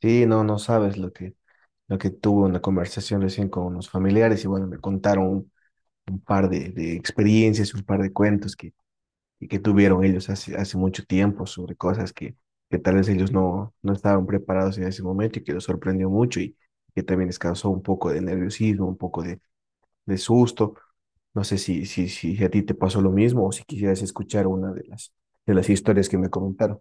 Sí, no, no sabes lo que tuve una conversación recién con unos familiares y bueno, me contaron un par de experiencias, un par de cuentos y que tuvieron ellos hace mucho tiempo sobre cosas que tal vez ellos no estaban preparados en ese momento y que los sorprendió mucho y que también les causó un poco de nerviosismo, un poco de susto. No sé si a ti te pasó lo mismo o si quisieras escuchar una de las historias que me comentaron.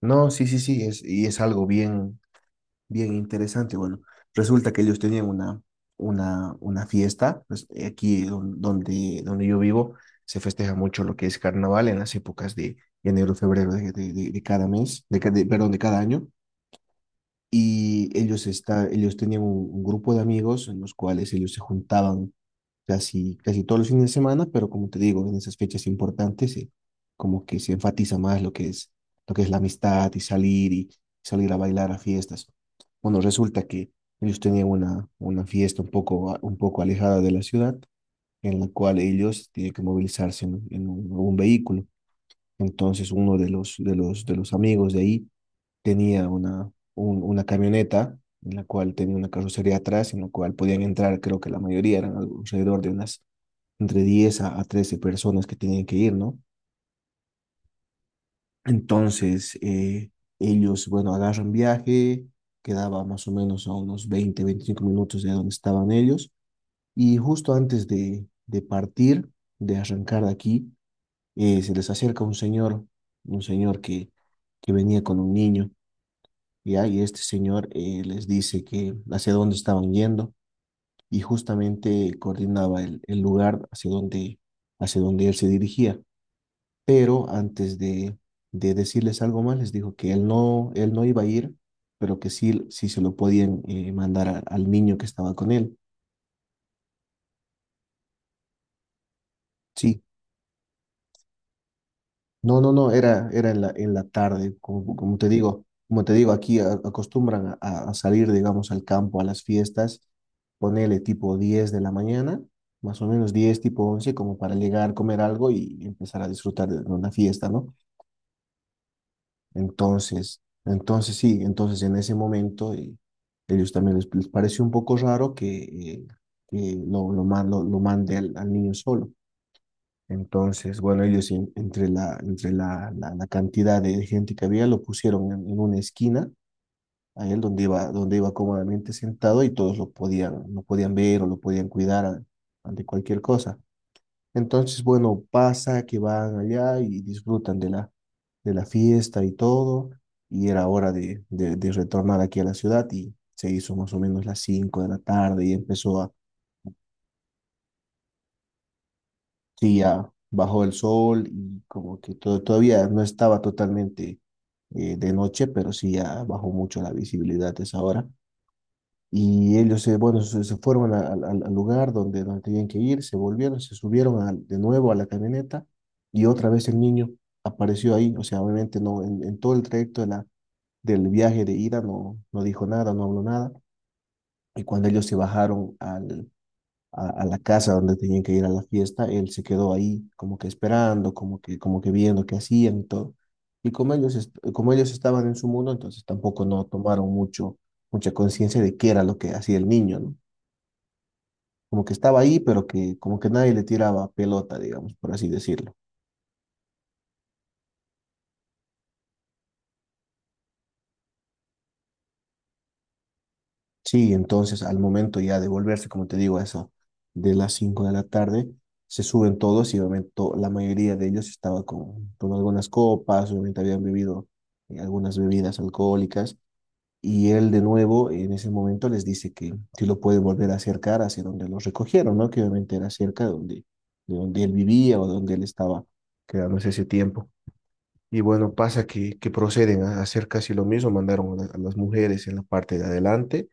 No, sí, sí, sí, es algo bien interesante. Bueno, resulta que ellos tenían una fiesta, pues, aquí donde yo vivo se festeja mucho lo que es carnaval en las épocas de enero, febrero de cada mes, perdón, de cada año. Y ellos tenían un grupo de amigos en los cuales ellos se juntaban casi, casi todos los fines de semana, pero como te digo, en esas fechas importantes, como que se enfatiza más lo que es la amistad y salir a bailar a fiestas. Bueno, resulta que ellos tenían una fiesta un poco alejada de la ciudad, en la cual ellos tienen que movilizarse en un vehículo. Entonces, uno de los amigos de ahí tenía una camioneta en la cual tenía una carrocería atrás, en la cual podían entrar, creo que la mayoría eran alrededor de unas entre 10 a 13 personas que tenían que ir, ¿no? Entonces, ellos, bueno, agarran viaje. Quedaba más o menos a unos 20 25 minutos de donde estaban ellos, y justo antes de partir, de arrancar de aquí, se les acerca un señor que venía con un niño, ¿ya? Y este señor les dice que hacia dónde estaban yendo y justamente coordinaba el lugar hacia donde él se dirigía. Pero antes de decirles algo más, les dijo que él no iba a ir, pero que sí se lo podían mandar al niño que estaba con él. Sí, no, no, no, era en la tarde. Como, como te digo, aquí acostumbran a salir, digamos, al campo, a las fiestas, ponele tipo 10 de la mañana, más o menos 10 tipo 11 como para llegar, comer algo y empezar a disfrutar de una fiesta, ¿no? Entonces en ese momento ellos también les pareció un poco raro que lo mande al niño solo. Entonces, bueno, ellos entre la cantidad de gente que había lo pusieron en una esquina, a él donde iba cómodamente sentado y todos lo podían ver o lo podían cuidar ante cualquier cosa. Entonces, bueno, pasa que van allá y disfrutan de la fiesta y todo, y era hora de retornar aquí a la ciudad y se hizo más o menos las 5 de la tarde y sí, ya bajó el sol y como que todo, todavía no estaba totalmente de noche, pero sí ya bajó mucho la visibilidad a esa hora. Y ellos se, bueno, se fueron al lugar donde tenían que ir, se volvieron, se subieron de nuevo a la camioneta y otra vez el niño apareció ahí. O sea, obviamente no, en todo el trayecto del viaje de ida no dijo nada, no habló nada. Y cuando ellos se bajaron a la casa donde tenían que ir a la fiesta, él se quedó ahí como que esperando, como que viendo qué hacían y todo. Y como ellos estaban en su mundo, entonces tampoco no tomaron mucha conciencia de qué era lo que hacía el niño, ¿no? Como que estaba ahí, pero que como que nadie le tiraba pelota, digamos, por así decirlo. Sí, entonces al momento ya de volverse, como te digo, a eso de las 5 de la tarde, se suben todos y obviamente la mayoría de ellos estaba con algunas copas, obviamente habían bebido algunas bebidas alcohólicas y él de nuevo en ese momento les dice que si lo puede volver a acercar hacia donde los recogieron, ¿no? Que obviamente era cerca de donde él vivía o donde él estaba quedándose ese tiempo. Y bueno, pasa que proceden a hacer casi lo mismo, mandaron a las mujeres en la parte de adelante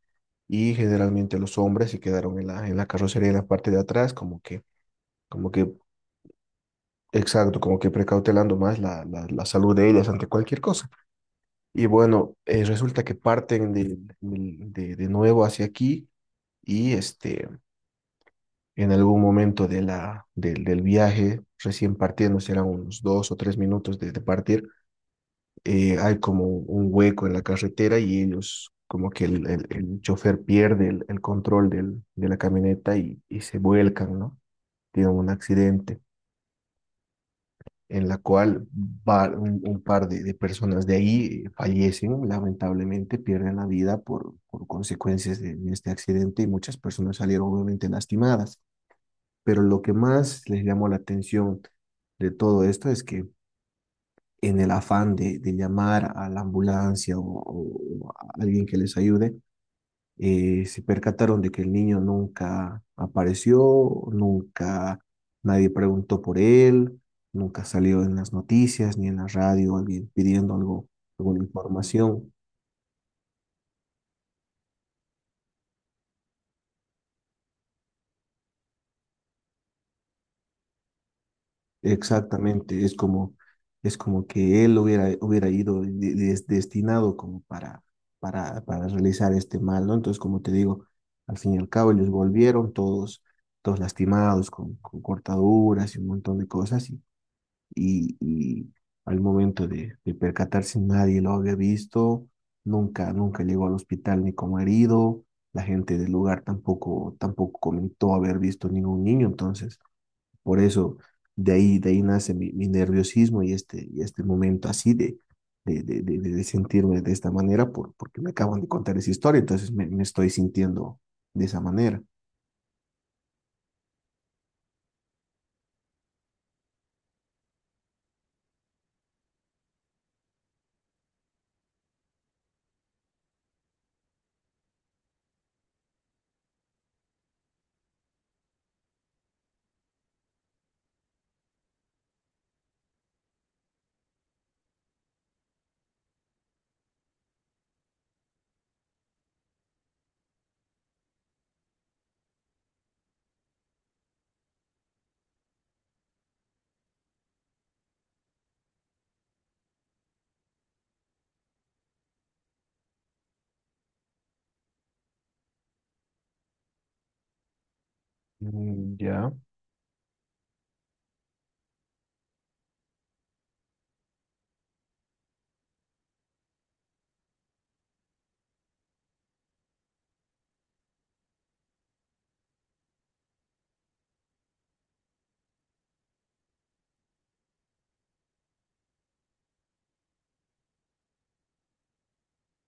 y generalmente los hombres se quedaron en la carrocería en la parte de atrás, como que, exacto, como que precautelando más la salud de ellas ante cualquier cosa. Y bueno, resulta que parten de nuevo hacia aquí y este, en algún momento del viaje, recién partiendo, serán unos 2 o 3 minutos de partir. Hay como un hueco en la carretera y ellos, como que el chofer pierde el control de la camioneta y se vuelcan, ¿no? Tienen un accidente en la cual un par de personas de ahí fallecen, lamentablemente pierden la vida por consecuencias de este accidente y muchas personas salieron obviamente lastimadas. Pero lo que más les llamó la atención de todo esto es que en el afán de llamar a la ambulancia o a alguien que les ayude, se percataron de que el niño nunca apareció, nunca nadie preguntó por él, nunca salió en las noticias ni en la radio alguien pidiendo algo, alguna información. Exactamente, es como que él hubiera ido destinado como para realizar este mal, ¿no? Entonces, como te digo, al fin y al cabo ellos volvieron todos, todos lastimados, con cortaduras y un montón de cosas, y al momento de percatarse nadie lo había visto, nunca llegó al hospital ni como herido, la gente del lugar tampoco comentó haber visto ningún niño, entonces por eso, de ahí nace mi nerviosismo y este momento así de sentirme de esta manera porque me acaban de contar esa historia, entonces me estoy sintiendo de esa manera. Mm, ya.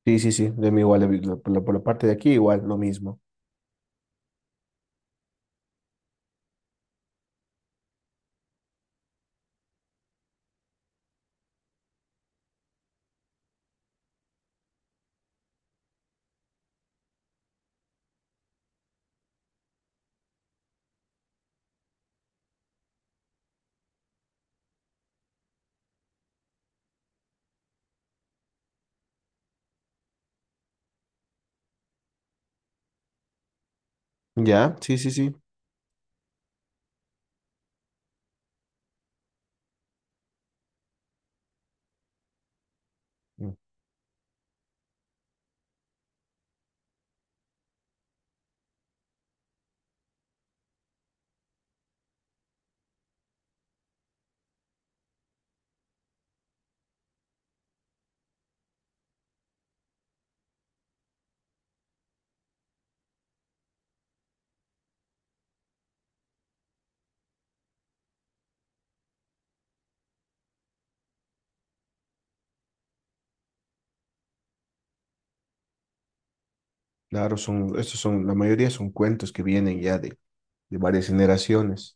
Sí, sí, sí, de mí igual, por la parte de aquí igual, lo mismo. Ya, sí, sí, sí. Mm, claro, estos son, la mayoría son cuentos que vienen ya de varias generaciones.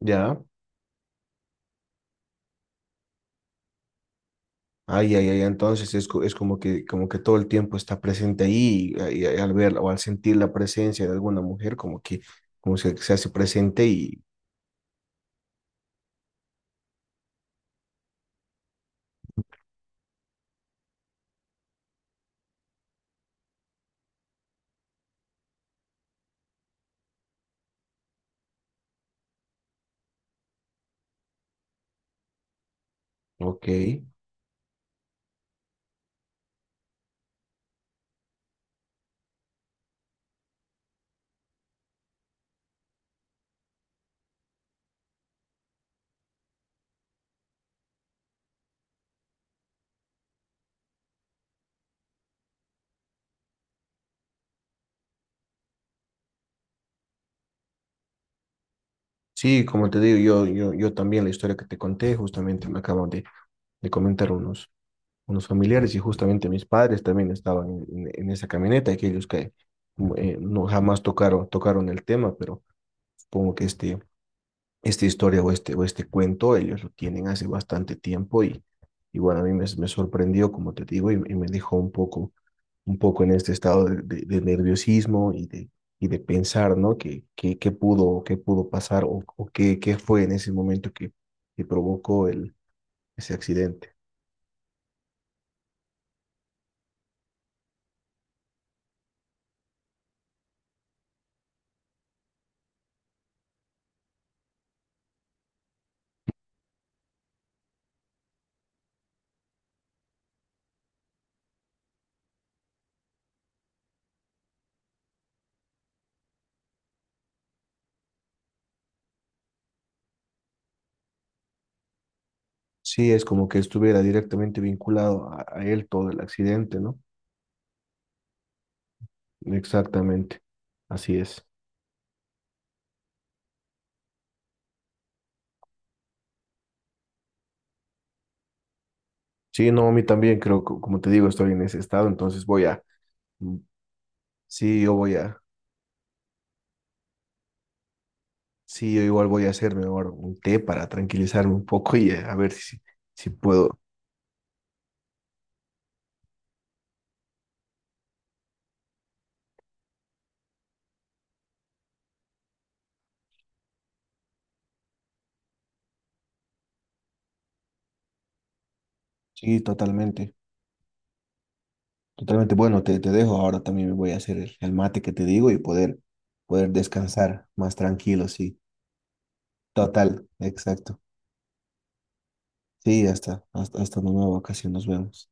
Ya. Ay, ay, ay, entonces es como que todo el tiempo está presente ahí y al ver o al sentir la presencia de alguna mujer, como se hace presente ok. Sí, como te digo, yo también la historia que te conté, justamente me acaban de comentar unos familiares y justamente mis padres también estaban en esa camioneta, aquellos que no jamás tocaron el tema, pero supongo que esta historia o este cuento, ellos lo tienen hace bastante tiempo y bueno, a mí me sorprendió, como te digo, y me dejó un poco en este estado de nerviosismo y de pensar, ¿no? ¿Qué, qué pudo, qué pudo, pasar o qué fue en ese momento que provocó ese accidente? Sí, es como que estuviera directamente vinculado a él todo el accidente, ¿no? Exactamente, así es. Sí, no, a mí también creo, que, como te digo, estoy en ese estado, entonces sí, sí, yo igual voy a hacerme ahora un té para tranquilizarme un poco y a ver si puedo. Sí, totalmente, totalmente. Bueno, te dejo. Ahora también me voy a hacer el mate que te digo y poder descansar más tranquilo, sí. Total, exacto. Sí, hasta una nueva ocasión, nos vemos.